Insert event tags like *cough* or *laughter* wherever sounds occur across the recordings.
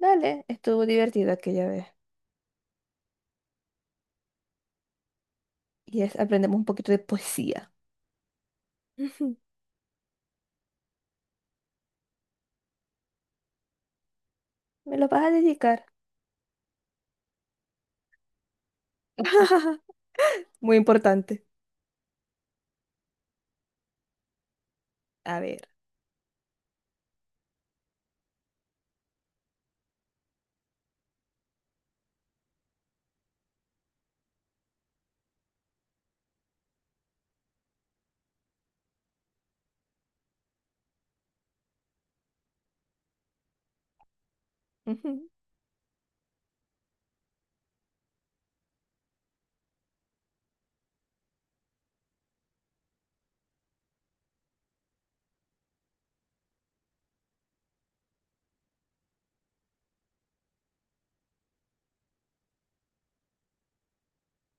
Dale, estuvo divertido aquella vez. Y es, aprendemos un poquito de poesía. Ujú. *laughs* ¿Me lo vas a dedicar? *laughs* Muy importante. A ver. Ujú.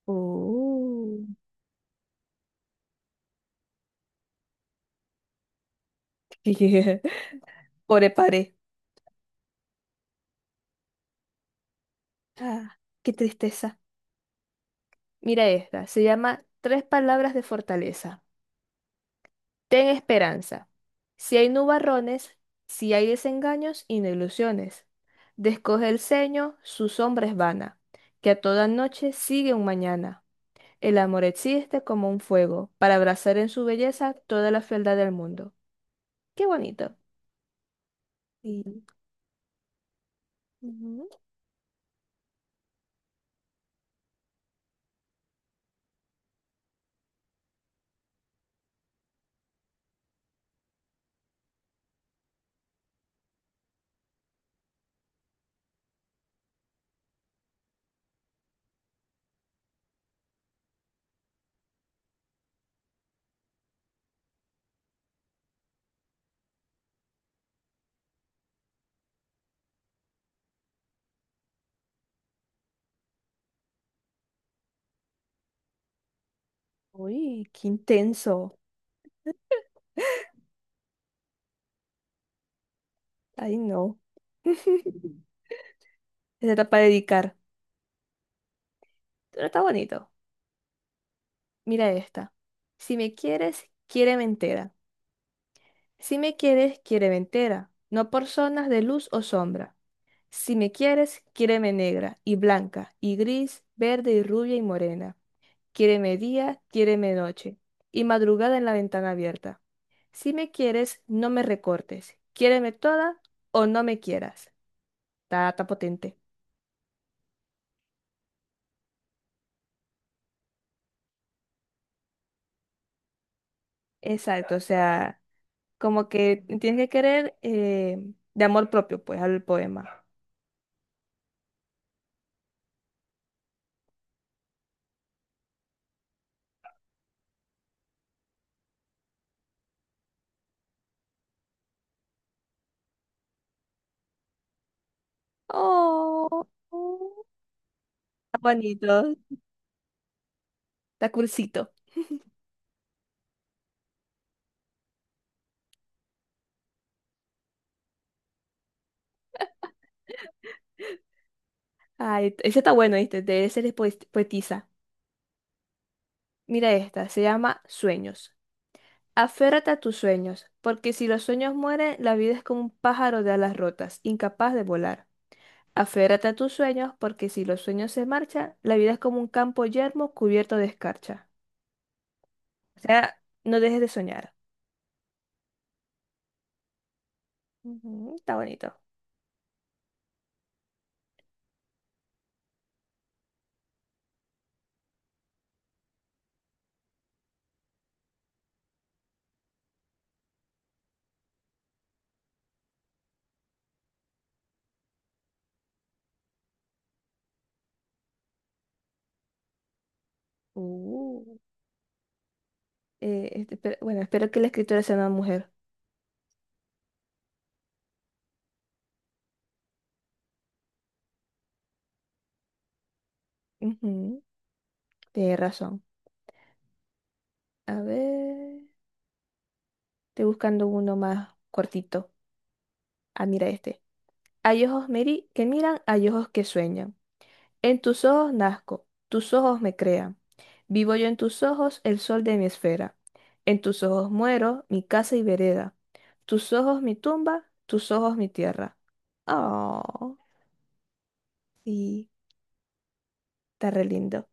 Uh, *laughs* yeah. Pobre paré. Ah, qué tristeza. Mira esta. Se llama Tres palabras de fortaleza. Ten esperanza. Si hay nubarrones, si hay desengaños y no ilusiones. Descoge el ceño, su sombra es vana, que a toda noche sigue un mañana. El amor existe como un fuego, para abrazar en su belleza toda la fealdad del mundo. Qué bonito. Sí. Ujú. Uy, qué intenso. Ay, no. *laughs* Esa está para dedicar. Pero está bonito. Mira esta. Si me quieres, quiéreme entera. Si me quieres, quiéreme entera. No por zonas de luz o sombra. Si me quieres, quiéreme negra y blanca y gris, verde y rubia y morena. Quiéreme día, quiéreme noche, y madrugada en la ventana abierta. Si me quieres, no me recortes. Quiéreme toda o no me quieras. Está, está potente. Exacto, o sea, como que tienes que querer de amor propio, pues, al poema. Oh, oh, está bonito, está cursito. Ay, ese está bueno, este, de ese les poetiza. Mira esta, se llama Sueños. Aférrate a tus sueños, porque si los sueños mueren, la vida es como un pájaro de alas rotas, incapaz de volar. Aférrate a tus sueños, porque si los sueños se marchan, la vida es como un campo yermo cubierto de escarcha. O sea, no dejes de soñar. Ujú, está bonito. Uh, este, bueno, espero que la escritora sea una mujer. Ujú, tienes razón. A ver, estoy buscando uno más cortito. Ah, mira este. Hay ojos, Mary, que miran, hay ojos que sueñan. En tus ojos nazco, tus ojos me crean. Vivo yo en tus ojos, el sol de mi esfera. En tus ojos muero, mi casa y vereda. Tus ojos mi tumba, tus ojos mi tierra. Oh, sí, está re lindo.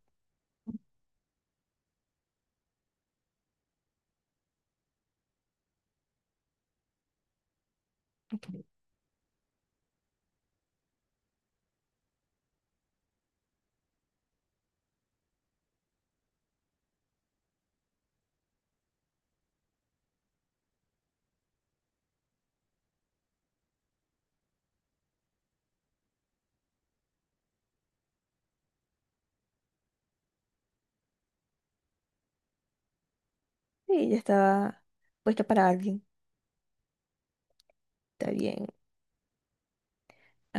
Sí, ya estaba puesta para alguien. Está bien.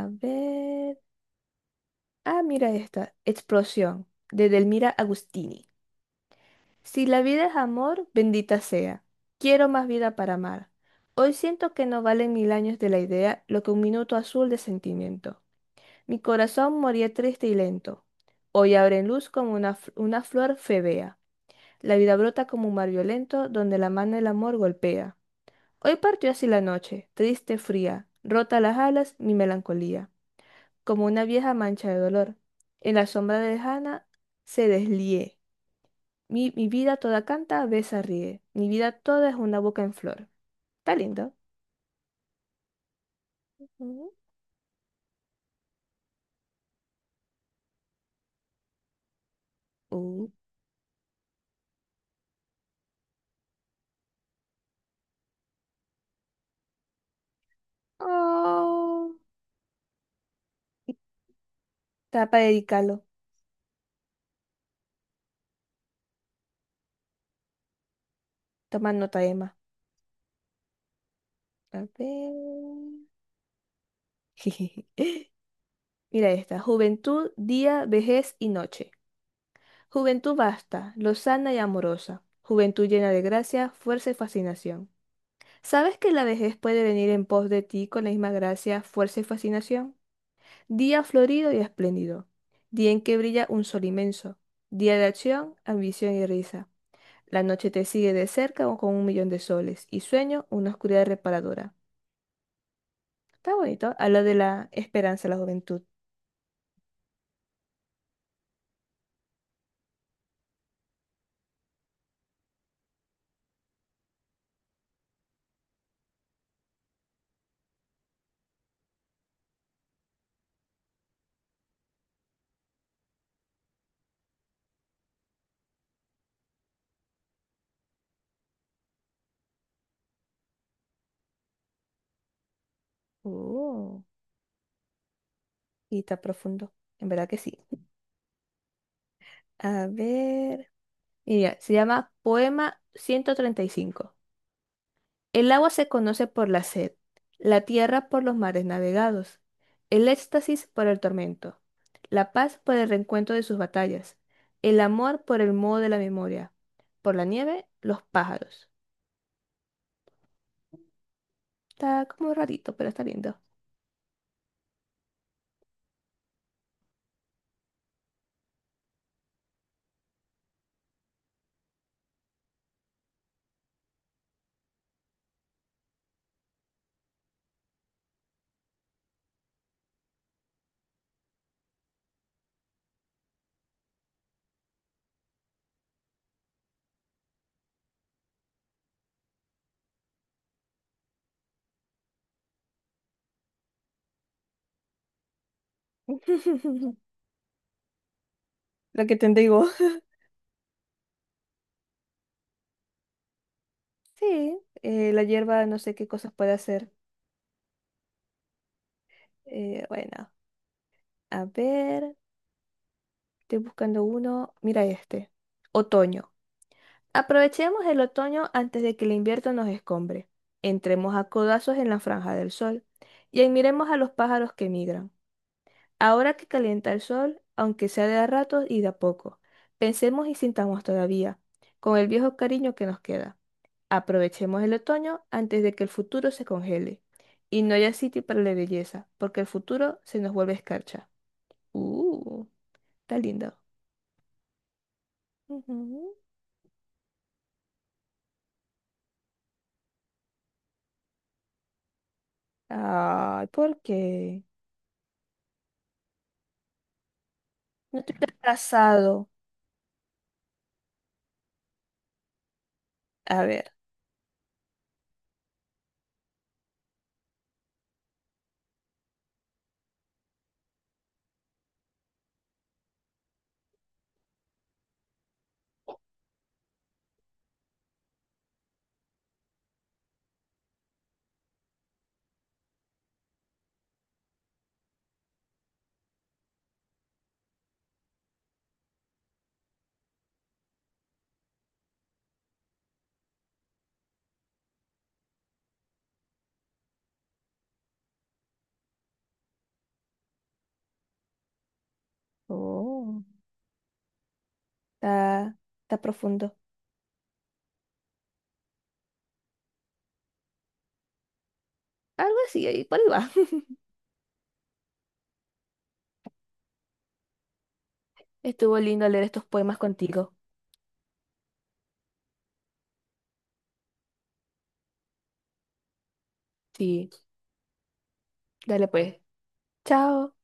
A ver. Ah, mira esta. Explosión, de Delmira Agustini. Si la vida es amor, bendita sea. Quiero más vida para amar. Hoy siento que no valen mil años de la idea lo que un minuto azul de sentimiento. Mi corazón moría triste y lento. Hoy abre en luz como una, una flor febea. La vida brota como un mar violento donde la mano del amor golpea. Hoy partió así la noche, triste, fría, rota las alas, mi melancolía, como una vieja mancha de dolor. En la sombra lejana se deslié. Mi vida toda canta, besa, ríe. Mi vida toda es una boca en flor. Está lindo. Ujú. Uh. Oh. Está para dedicarlo. Toma nota, Emma. A ver. *laughs* Mira esta. Juventud, día, vejez y noche. Juventud vasta, lozana y amorosa. Juventud llena de gracia, fuerza y fascinación. ¿Sabes que la vejez puede venir en pos de ti con la misma gracia, fuerza y fascinación? Día florido y espléndido, día en que brilla un sol inmenso, día de acción, ambición y risa. La noche te sigue de cerca o con un millón de soles y sueño una oscuridad reparadora. Está bonito, habla de la esperanza, la juventud. Oh, y está profundo, en verdad que sí. A ver, mira, se llama Poema 135. El agua se conoce por la sed, la tierra por los mares navegados, el éxtasis por el tormento, la paz por el reencuentro de sus batallas, el amor por el modo de la memoria, por la nieve, los pájaros. Está como rarito, pero está lindo. *laughs* Lo que te digo. *laughs* Sí, la hierba no sé qué cosas puede hacer. Bueno, a ver, estoy buscando uno. Mira este. Otoño. Aprovechemos el otoño antes de que el invierno nos escombre. Entremos a codazos en la franja del sol y admiremos a los pájaros que migran. Ahora que calienta el sol, aunque sea de a ratos y de a poco, pensemos y sintamos todavía, con el viejo cariño que nos queda. Aprovechemos el otoño antes de que el futuro se congele y no haya sitio para la belleza, porque el futuro se nos vuelve escarcha. Uh, está lindo. Ujú. Ay, ¿por qué? No te has casado. A ver. Oh, está, está profundo. Algo así, ahí por ahí va. *laughs* Estuvo lindo leer estos poemas contigo. Sí, dale pues. Chao.